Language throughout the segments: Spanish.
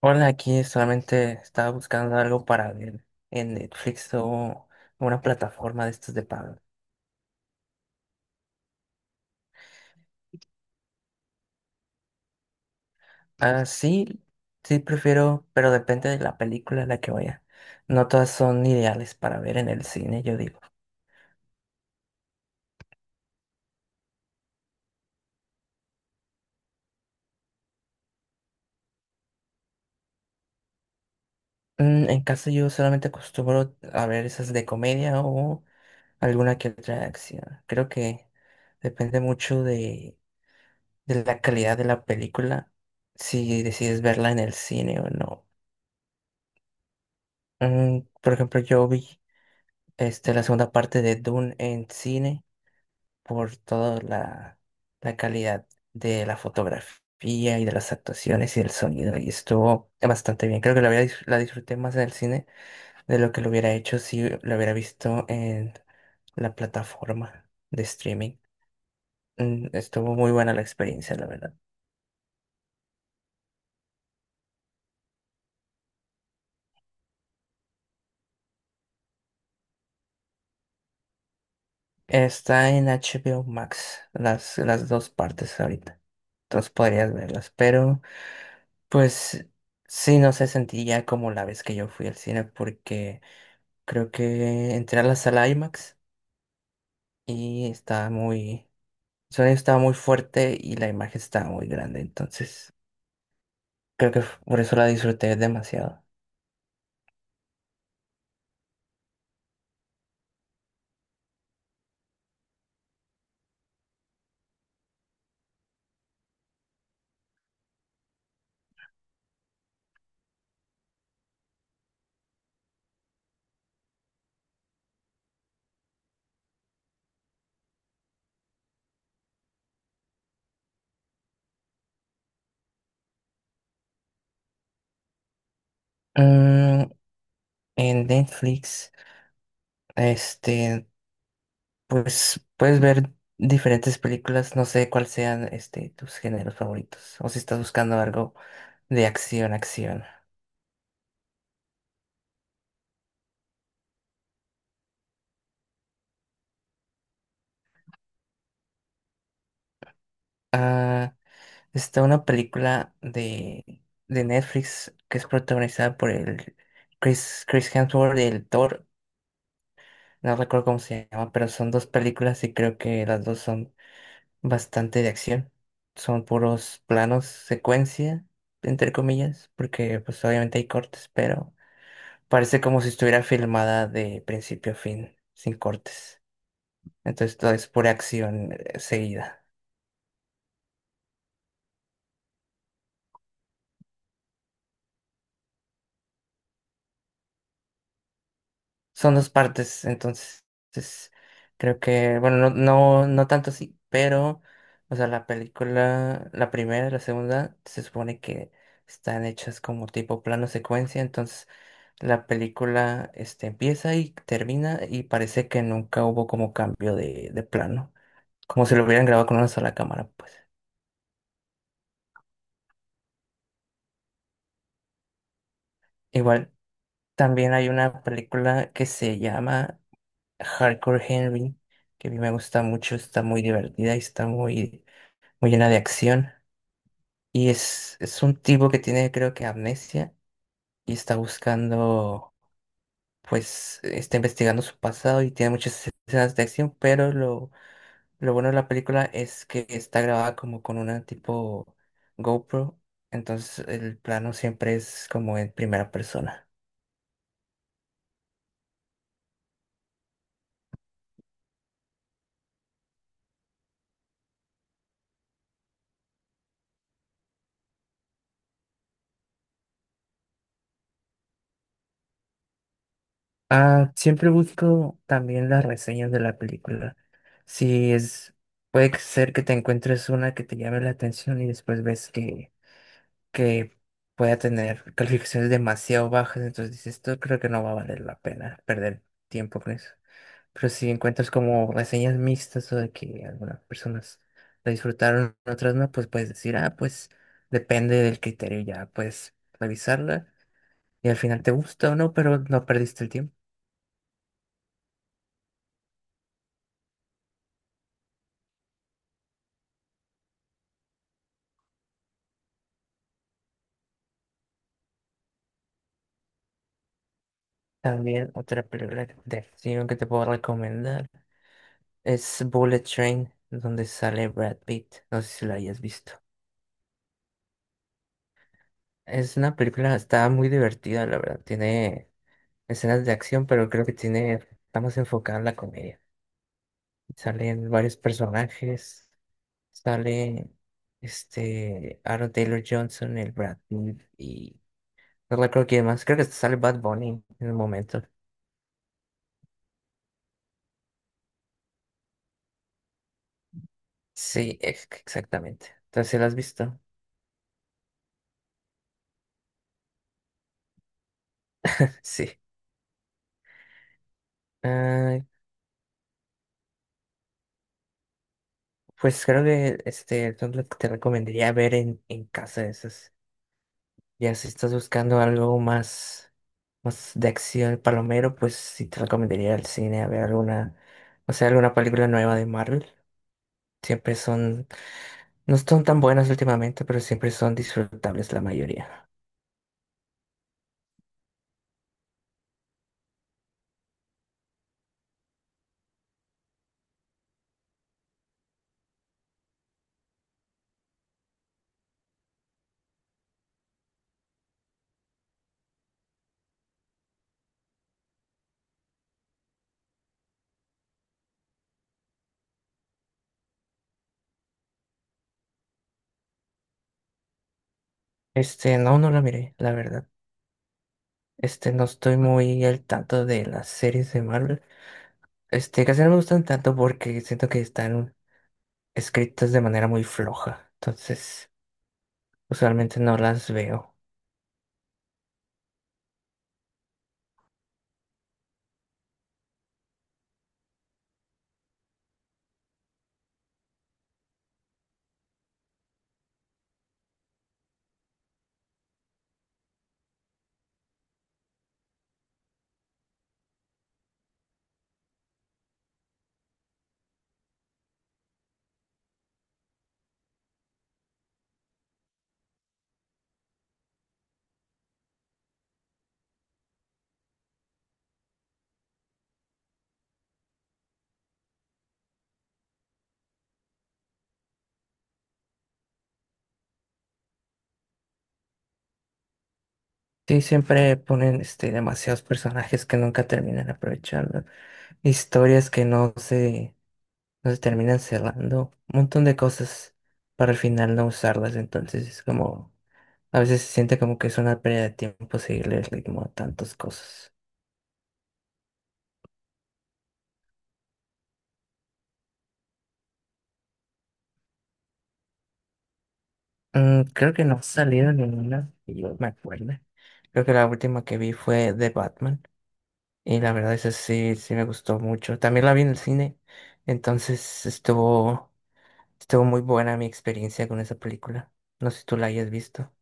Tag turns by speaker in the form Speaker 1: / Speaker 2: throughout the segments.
Speaker 1: Hola, aquí solamente estaba buscando algo para ver en Netflix o una plataforma de estos de pago. Ah, sí, sí prefiero, pero depende de la película a la que vaya. No todas son ideales para ver en el cine, yo digo. Mm, en casa yo solamente acostumbro a ver esas de comedia o alguna que otra de acción. Creo que depende mucho de la calidad de la película, si decides verla en el cine o no. Mm, por ejemplo, yo vi la segunda parte de Dune en cine por toda la calidad de la fotografía y de las actuaciones y del sonido. Y estuvo bastante bien. Creo que la disfruté más en el cine de lo que lo hubiera hecho si lo hubiera visto en la plataforma de streaming. Estuvo muy buena la experiencia, la verdad. Está en HBO Max, las dos partes ahorita. Entonces podrías verlas, pero... Pues sí, no se sentiría como la vez que yo fui al cine porque creo que entré a la sala IMAX y el sonido estaba muy fuerte y la imagen estaba muy grande, entonces creo que por eso la disfruté demasiado. Mm, en Netflix, este, pues puedes ver diferentes películas, no sé cuáles sean tus géneros favoritos o si estás buscando algo de acción, acción. Ah, está una película de Netflix que es protagonizada por el Chris Hemsworth y el Thor. No recuerdo cómo se llama, pero son dos películas y creo que las dos son bastante de acción. Son puros planos, secuencia, entre comillas, porque pues obviamente hay cortes, pero parece como si estuviera filmada de principio a fin, sin cortes. Entonces todo es pura acción seguida. Son dos partes, entonces, es creo que, bueno, no tanto así, pero, o sea, la película, la primera y la segunda, se supone que están hechas como tipo plano secuencia, entonces la película, empieza y termina y parece que nunca hubo como cambio de plano, como si lo hubieran grabado con una sola cámara, pues. Igual, también hay una película que se llama Hardcore Henry, que a mí me gusta mucho, está muy divertida y está muy llena de acción. Y es un tipo que tiene, creo que, amnesia y está está investigando su pasado y tiene muchas escenas de acción, pero lo bueno de la película es que está grabada como con una tipo GoPro, entonces el plano siempre es como en primera persona. Ah, siempre busco también las reseñas de la película. Si es, puede ser que te encuentres una que te llame la atención y después ves que pueda tener calificaciones demasiado bajas, entonces dices, esto creo que no va a valer la pena perder tiempo con eso. Pero si encuentras como reseñas mixtas o de que algunas personas la disfrutaron, otras no, pues puedes decir, ah, pues depende del criterio, ya puedes revisarla y al final te gusta o no, pero no perdiste el tiempo. También otra película de acción que te puedo recomendar es Bullet Train, donde sale Brad Pitt. No sé si la hayas visto. Es una película, está muy divertida, la verdad. Tiene escenas de acción, pero creo que tiene, está más enfocada en la comedia. Salen varios personajes, sale Aaron Taylor Johnson, el Brad Pitt y no recuerdo quién más. Creo que hasta sale Bad Bunny en el momento. Sí, exactamente. Entonces, ¿sí, ¿la has visto? Sí. Ah, pues creo que son las que te recomendaría ver en casa esas. Ya si estás buscando algo más de acción palomero, pues sí te recomendaría ir al cine a ver alguna, o sea, alguna película nueva de Marvel. Siempre son, no son tan buenas últimamente, pero siempre son disfrutables la mayoría. No, no la miré, la verdad. No estoy muy al tanto de las series de Marvel. Casi no me gustan tanto porque siento que están escritas de manera muy floja. Entonces, usualmente no las veo. Sí, siempre ponen demasiados personajes que nunca terminan aprovechando. Historias que no se terminan cerrando. Un montón de cosas para al final no usarlas. Entonces es como, a veces se siente como que es una pérdida de tiempo seguirle el ritmo a tantas cosas. Mm, creo que no ha salido ninguna que yo me acuerde. Creo que la última que vi fue de Batman. Y la verdad, esa sí, sí me gustó mucho. También la vi en el cine, entonces estuvo muy buena mi experiencia con esa película. No sé si tú la hayas visto.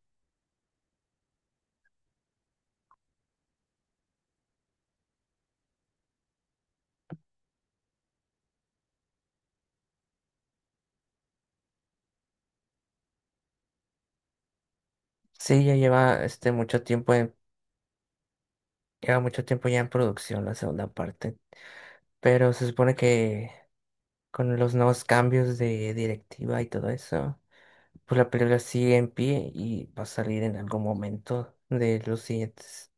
Speaker 1: Sí, ya lleva mucho tiempo lleva mucho tiempo ya en producción la segunda parte. Pero se supone que con los nuevos cambios de directiva y todo eso, pues la película sigue en pie y va a salir en algún momento de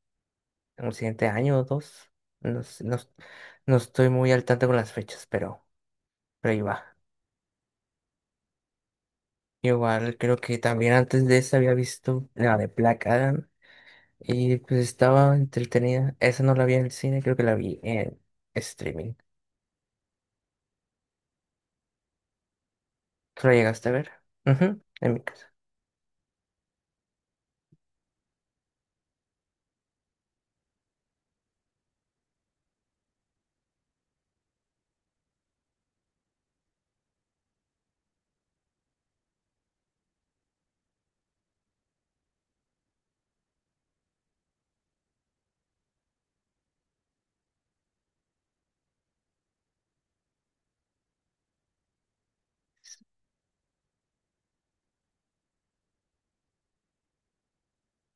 Speaker 1: en el siguiente año o dos. No, sé, no, no estoy muy al tanto con las fechas, pero. Pero ahí va. Igual creo que también antes de esa había visto la de Black Adam y pues estaba entretenida. Esa no la vi en el cine, creo que la vi en streaming. ¿Tú la llegaste a ver? Ujú, en mi casa.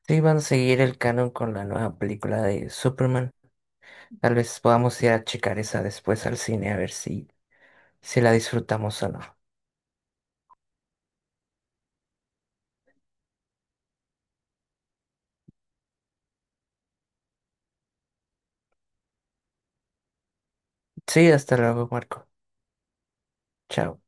Speaker 1: Sí, van a seguir el canon con la nueva película de Superman. Tal vez podamos ir a checar esa después al cine a ver si la disfrutamos o no. Sí, hasta luego, Marco. Chao.